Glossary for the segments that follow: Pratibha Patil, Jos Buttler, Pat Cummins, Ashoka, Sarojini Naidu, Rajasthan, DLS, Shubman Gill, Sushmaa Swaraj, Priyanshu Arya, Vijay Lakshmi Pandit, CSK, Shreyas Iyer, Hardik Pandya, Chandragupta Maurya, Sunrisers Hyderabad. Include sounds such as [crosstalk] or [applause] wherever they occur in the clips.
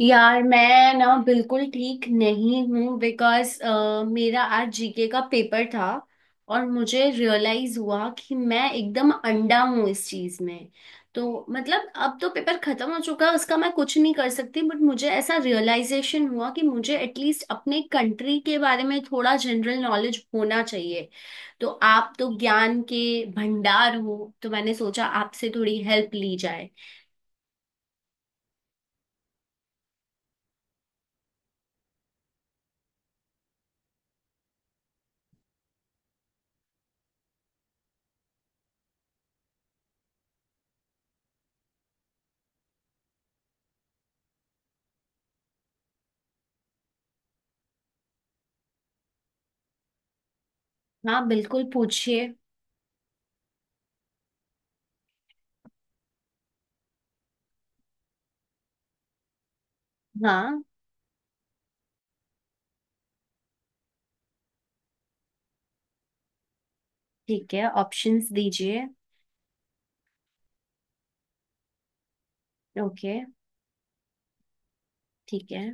यार मैं ना बिल्कुल ठीक नहीं हूँ बिकॉज मेरा आज जीके का पेपर था। और मुझे रियलाइज हुआ कि मैं एकदम अंडा हूँ इस चीज में। तो मतलब अब तो पेपर खत्म हो चुका है उसका मैं कुछ नहीं कर सकती, बट मुझे ऐसा रियलाइजेशन हुआ कि मुझे एटलीस्ट अपने कंट्री के बारे में थोड़ा जनरल नॉलेज होना चाहिए। तो आप तो ज्ञान के भंडार हो, तो मैंने सोचा आपसे थोड़ी हेल्प ली जाए। हाँ बिल्कुल पूछिए। हाँ। ठीक है, ऑप्शंस दीजिए। ओके। ठीक है।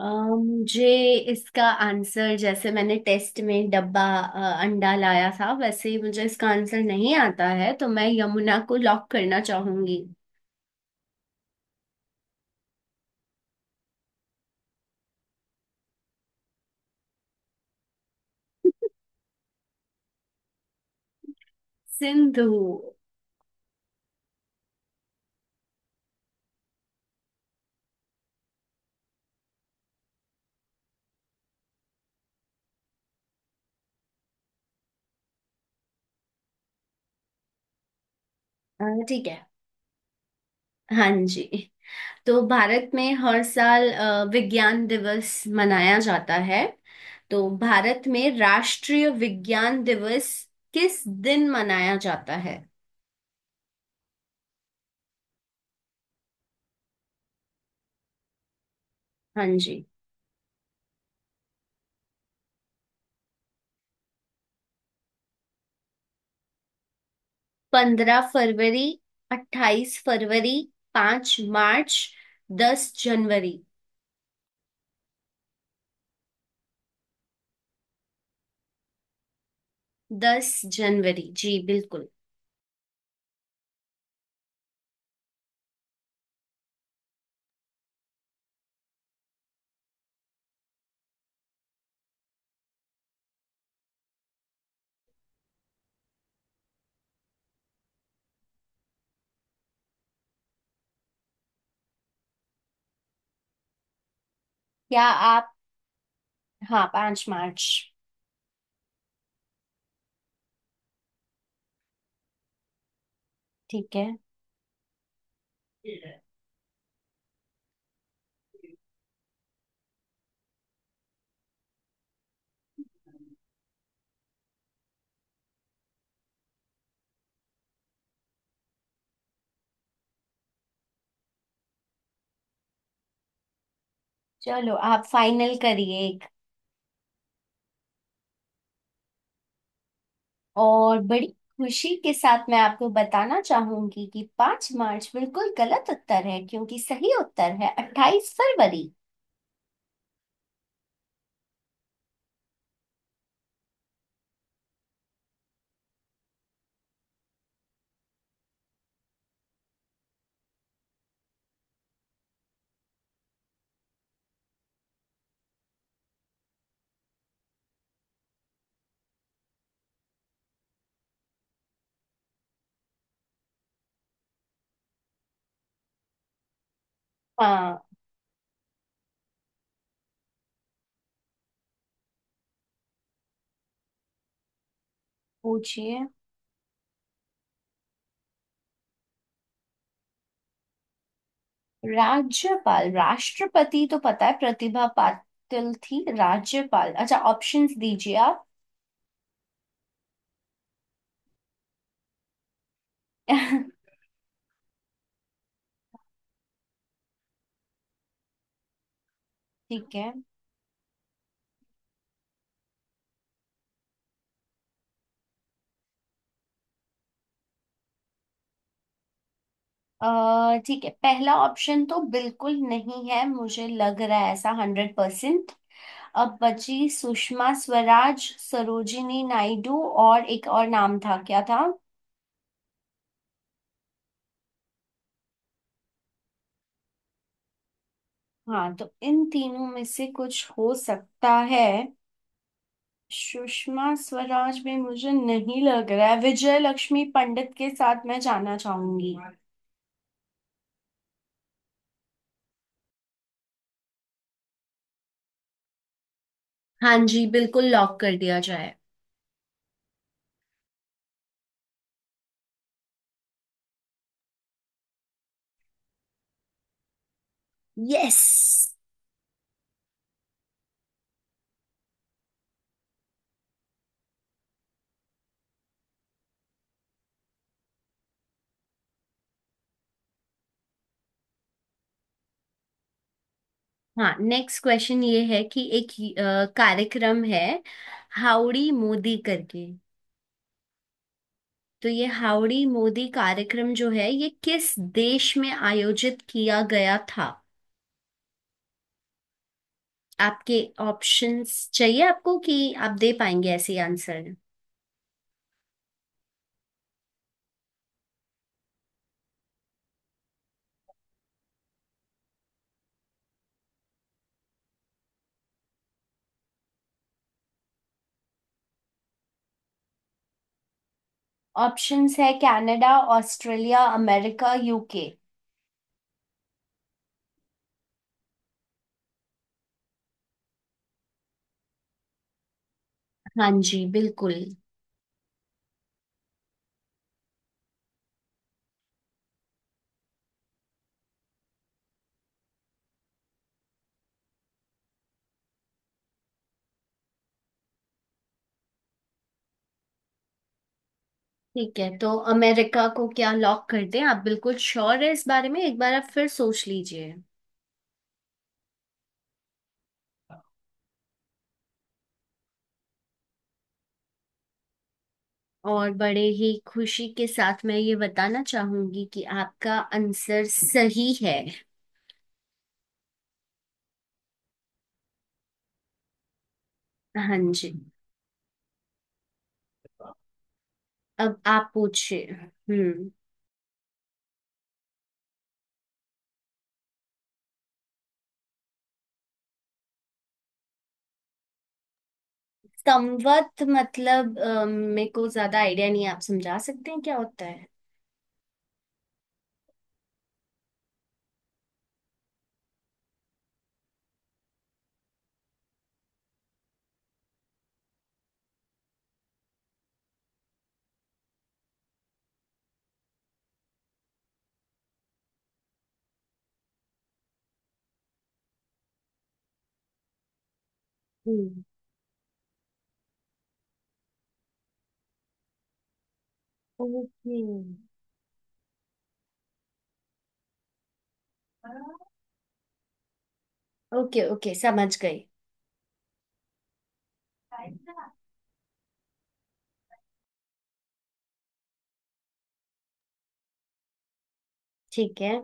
अ, मुझे इसका आंसर, जैसे मैंने टेस्ट में डब्बा अंडा लाया था, वैसे ही मुझे इसका आंसर नहीं आता है, तो मैं यमुना को लॉक करना चाहूंगी। सिंधु। ठीक है। हाँ जी, तो भारत में हर साल विज्ञान दिवस मनाया जाता है। तो भारत में राष्ट्रीय विज्ञान दिवस किस दिन मनाया जाता है। हाँ जी। 15 फरवरी, 28 फरवरी, 5 मार्च, 10 जनवरी। 10 जनवरी जी बिल्कुल। क्या? आप? हाँ, 5 मार्च। ठीक है। चलो आप फाइनल करिए एक। और बड़ी खुशी के साथ मैं आपको बताना चाहूंगी कि 5 मार्च बिल्कुल गलत उत्तर है, क्योंकि सही उत्तर है 28 फरवरी। हाँ, पूछिए। राज्यपाल? राष्ट्रपति तो पता है, प्रतिभा पाटिल थी। राज्यपाल, अच्छा, ऑप्शंस दीजिए आप। [laughs] ठीक। है अ, ठीक है, पहला ऑप्शन तो बिल्कुल नहीं है मुझे लग रहा है ऐसा, 100%। अब बची सुषमा स्वराज, सरोजिनी नायडू, और एक और नाम था, क्या था? हाँ, तो इन तीनों में से कुछ हो सकता है। सुषमा स्वराज में मुझे नहीं लग रहा है, विजय लक्ष्मी पंडित के साथ मैं जाना चाहूंगी। हाँ जी बिल्कुल, लॉक कर दिया जाए। यस। हाँ, नेक्स्ट क्वेश्चन ये है कि एक कार्यक्रम है, हाउडी मोदी करके। तो ये हाउडी मोदी कार्यक्रम जो है, ये किस देश में आयोजित किया गया था? आपके ऑप्शंस चाहिए आपको, कि आप दे पाएंगे ऐसे आंसर? ऑप्शंस है कनाडा, ऑस्ट्रेलिया, अमेरिका, यूके। हाँ जी बिल्कुल। ठीक है, तो अमेरिका को क्या लॉक कर दें? आप बिल्कुल श्योर है इस बारे में? एक बार आप फिर सोच लीजिए। और बड़े ही खुशी के साथ मैं ये बताना चाहूंगी कि आपका आंसर सही है। हाँ जी। अब आप पूछिए। हम्म। संवत मतलब? मेरे को ज्यादा आइडिया नहीं है। आप समझा सकते हैं क्या होता है? हम्म। ओके। ओके ओके समझ गई। ठीक है,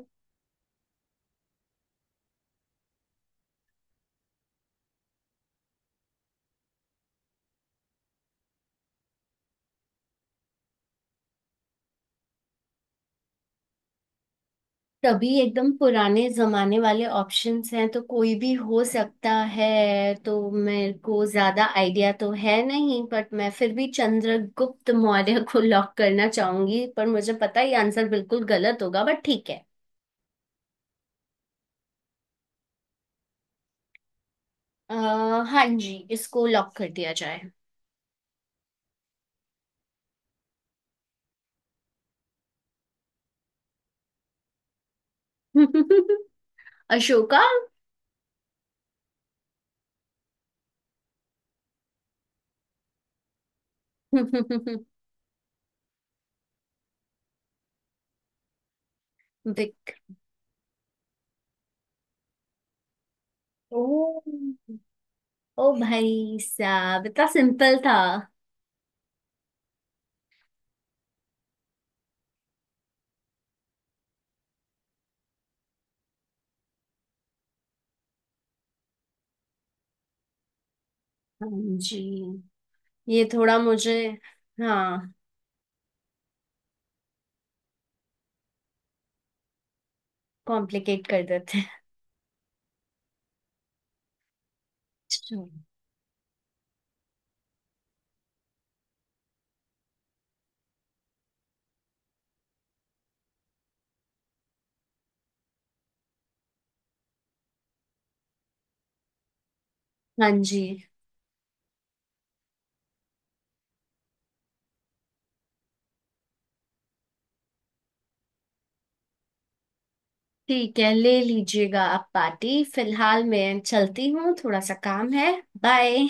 तभी एकदम पुराने जमाने वाले ऑप्शंस हैं, तो कोई भी हो सकता है। तो मेरे को ज्यादा आइडिया तो है नहीं, बट मैं फिर भी चंद्रगुप्त मौर्य को लॉक करना चाहूंगी, पर मुझे पता है ये आंसर बिल्कुल गलत होगा, बट ठीक है। आ, हाँ जी, इसको लॉक कर दिया जाए। [laughs] अशोका। [laughs] बिक ओ, ओ भाई साहब, इतना सिंपल था। हाँ जी, ये थोड़ा मुझे। हाँ। कॉम्प्लिकेट कर देते। अच्छा। हाँ जी, ठीक है, ले लीजिएगा आप पार्टी, फिलहाल मैं चलती हूँ, थोड़ा सा काम है। बाय।